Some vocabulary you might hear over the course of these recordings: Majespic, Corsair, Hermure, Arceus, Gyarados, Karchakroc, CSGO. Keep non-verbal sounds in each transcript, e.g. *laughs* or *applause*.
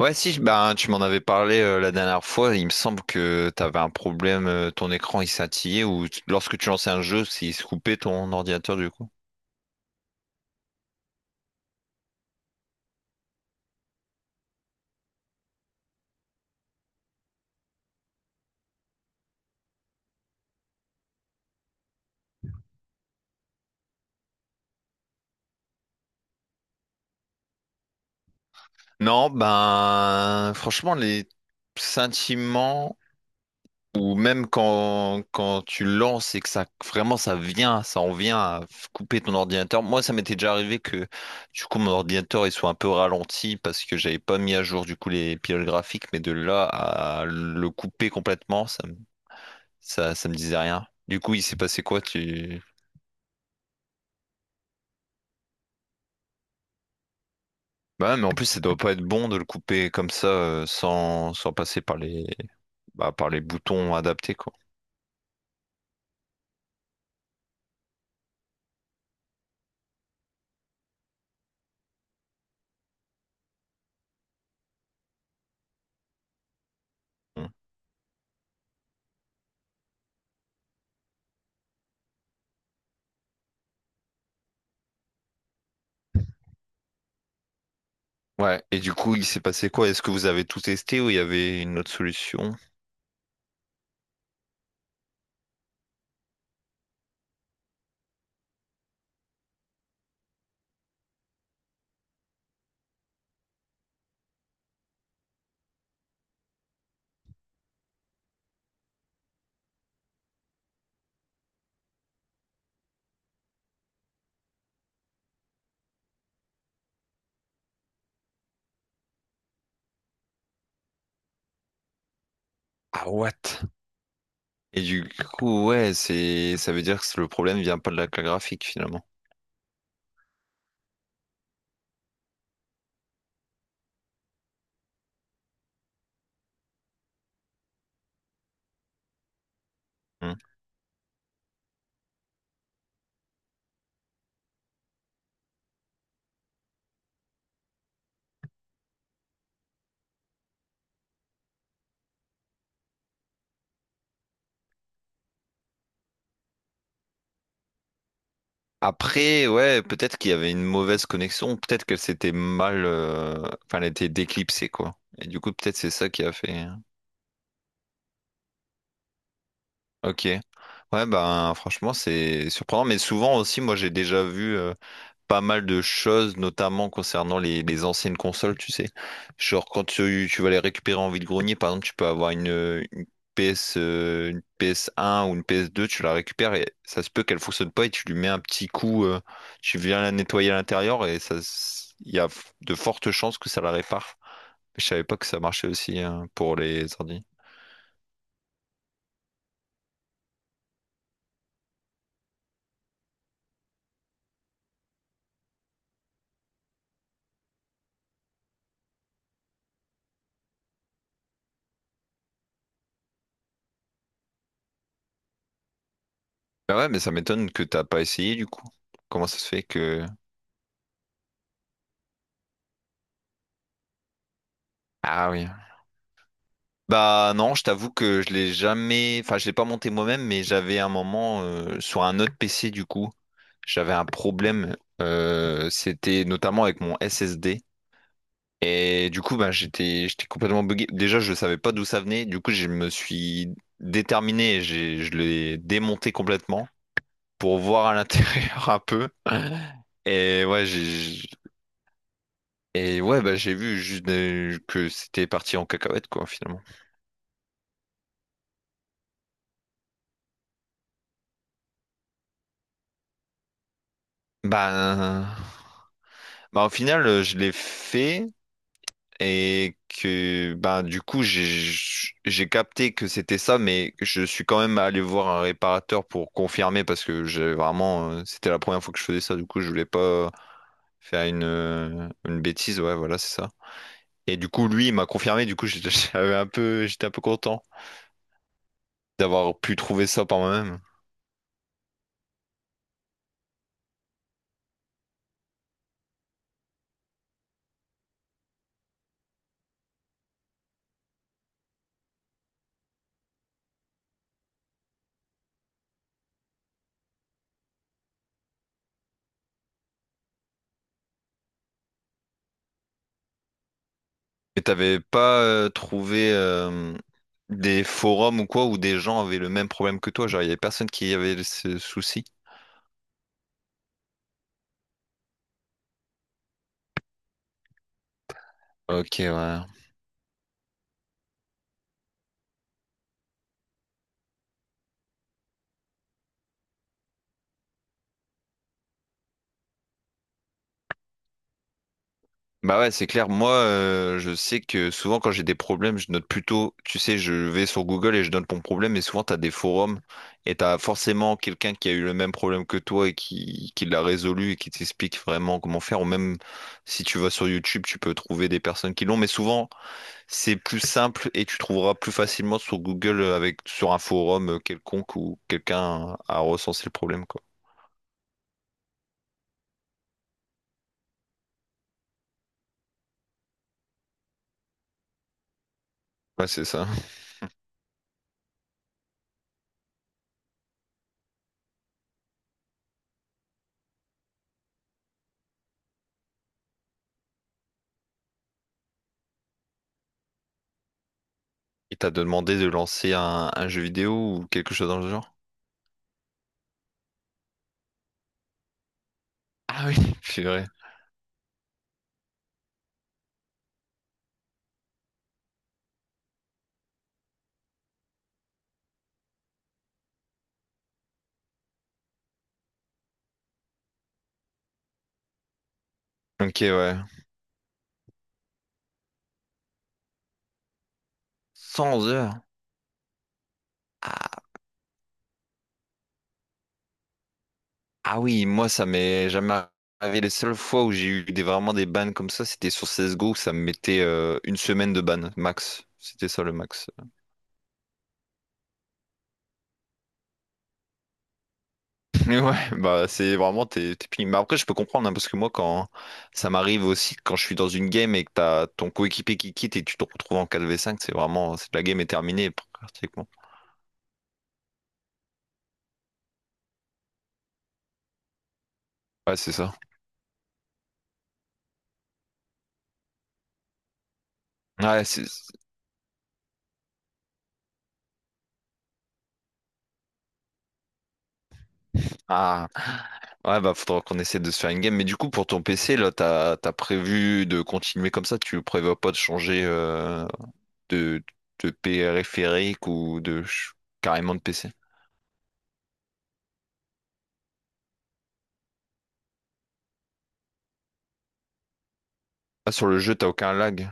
Ouais, si, ben, tu m'en avais parlé la dernière fois. Il me semble que tu avais un problème, ton écran il scintillait ou lorsque tu lançais un jeu, il se coupait ton ordinateur du coup. Non, ben, franchement, les sentiments ou même quand tu lances et que ça vraiment ça vient, ça en vient à couper ton ordinateur. Moi, ça m'était déjà arrivé que du coup mon ordinateur il soit un peu ralenti parce que j'avais pas mis à jour du coup les pilotes graphiques, mais de là à le couper complètement, Ça me disait rien. Du coup, il s'est passé quoi, tu... Bah, ouais, mais en plus, ça doit pas être bon de le couper comme ça, sans passer par les boutons adaptés, quoi. Mm. Ouais, et du coup, il s'est passé quoi? Est-ce que vous avez tout testé ou il y avait une autre solution? Ah, what? Et du coup, ouais, ça veut dire que le problème vient pas de la carte graphique, finalement. Mm. Après, ouais, peut-être qu'il y avait une mauvaise connexion, peut-être qu'elle s'était mal, enfin, elle était déclipsée, quoi. Et du coup, peut-être c'est ça qui a fait. Ok. Ouais, ben franchement, c'est surprenant, mais souvent aussi, moi j'ai déjà vu pas mal de choses, notamment concernant les anciennes consoles, tu sais. Genre quand tu vas les récupérer en vide-grenier, par exemple, tu peux avoir une PS, une PS1 ou une PS2, tu la récupères et ça se peut qu'elle fonctionne pas et tu lui mets un petit coup, tu viens la nettoyer à l'intérieur et ça, il y a de fortes chances que ça la répare. Je savais pas que ça marchait aussi hein, pour les ordi. Bah ouais, mais ça m'étonne que t'as pas essayé du coup. Comment ça se fait que... Ah oui. Bah non, je t'avoue que je l'ai jamais... Enfin, je l'ai pas monté moi-même, mais j'avais un moment sur un autre PC du coup. J'avais un problème. C'était notamment avec mon SSD. Et du coup, bah, j'étais complètement buggé. Déjà, je savais pas d'où ça venait. Du coup, je me suis déterminé et je l'ai démonté complètement, pour voir à l'intérieur *laughs* un peu. Et ouais, bah j'ai vu juste que c'était parti en cacahuète, quoi, finalement. Bah, bah au final je l'ai fait et que bah du coup j'ai capté que c'était ça, mais je suis quand même allé voir un réparateur pour confirmer parce que j'ai vraiment c'était la première fois que je faisais ça, du coup je voulais pas faire une bêtise, ouais, voilà, c'est ça. Et du coup, lui il m'a confirmé, du coup j'étais *laughs* j'étais un peu content, d'avoir pu trouver ça par moi-même. Et t'avais pas trouvé des forums ou quoi où des gens avaient le même problème que toi, genre il y avait personne qui avait ce souci. Ok, ouais. Bah ouais, c'est clair. Moi, je sais que souvent quand j'ai des problèmes, je note plutôt, tu sais, je vais sur Google et je note mon problème, et souvent t'as des forums et t'as forcément quelqu'un qui a eu le même problème que toi et qui l'a résolu et qui t'explique vraiment comment faire. Ou même si tu vas sur YouTube, tu peux trouver des personnes qui l'ont, mais souvent c'est plus simple et tu trouveras plus facilement sur Google avec sur un forum quelconque où quelqu'un a recensé le problème, quoi. Ouais, c'est ça. *laughs* Il t'a demandé de lancer un jeu vidéo ou quelque chose dans le genre? Ah oui, *laughs* c'est vrai. Ok, ouais. 100 heures. Ah, ah oui, moi, ça m'est jamais arrivé. Les seules fois où j'ai eu vraiment des bans comme ça, c'était sur CSGO où ça me mettait une semaine de ban, max. C'était ça le max. Mais ouais, bah c'est vraiment tes feelings. Mais après, je peux comprendre, hein, parce que moi, quand ça m'arrive aussi, quand je suis dans une game et que t'as ton coéquipier qui quitte et tu te retrouves en 4v5, la game est terminée pratiquement. Ouais, c'est ça. Ouais, c'est. Ah. Ouais, bah faudra qu'on essaie de se faire une game. Mais du coup, pour ton PC, là, t'as prévu de continuer comme ça? Tu prévois pas de changer de, de périphérique ou de carrément de PC? Ah, sur le jeu, t'as aucun lag?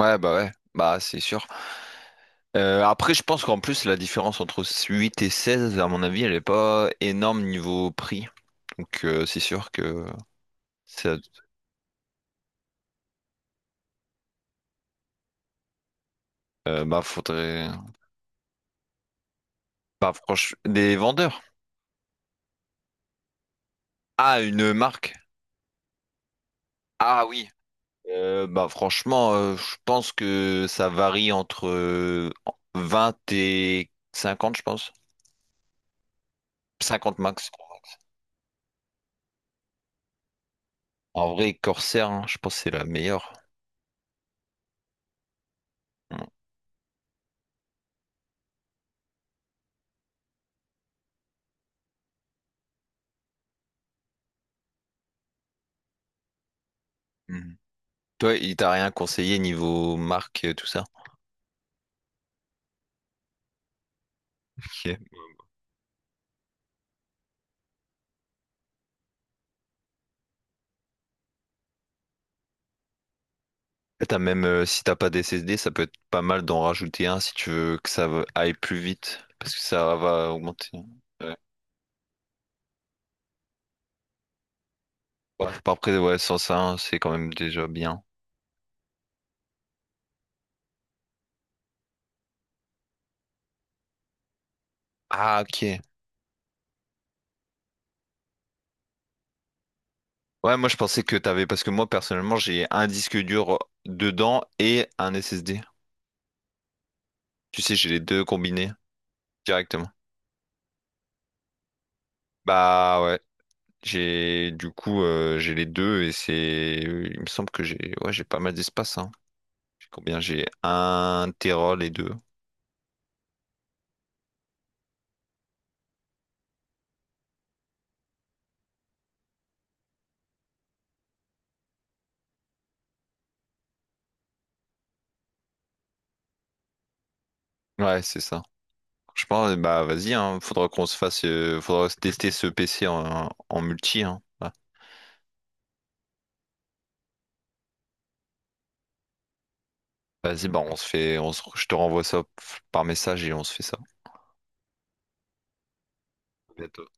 Ouais, bah c'est sûr. Après, je pense qu'en plus, la différence entre 8 et 16, à mon avis, elle est pas énorme niveau prix. Donc, c'est sûr que ça, bah, faudrait, bah, franchement, des vendeurs. Ah, une marque. Ah oui. Bah, franchement, je pense que ça varie entre 20 et 50, je pense. 50 max. En vrai, Corsair, hein, je pense que c'est la meilleure. Mm. Mm. Toi, il t'a rien conseillé niveau marque, tout ça? Ok. Et t'as même, si t'as pas des SSD, ça peut être pas mal d'en rajouter un si tu veux que ça aille plus vite, parce que ça va augmenter. Ouais. Ouais. Bah, après, ouais, sans ça, hein, c'est quand même déjà bien. Ah, ok. Ouais, moi je pensais que t'avais, parce que moi personnellement, j'ai un disque dur dedans et un SSD. Tu sais, j'ai les deux combinés directement. Bah ouais, j'ai les deux et il me semble que j'ai, ouais, j'ai pas mal d'espace, hein. J'ai combien? J'ai un téra les deux. Ouais, c'est ça. Je pense, bah vas-y, hein, faudra qu'on se fasse, faudra se tester ce PC en multi, hein. Voilà. Vas-y, bah on se fait, je te renvoie ça par message et on se fait ça. À bientôt.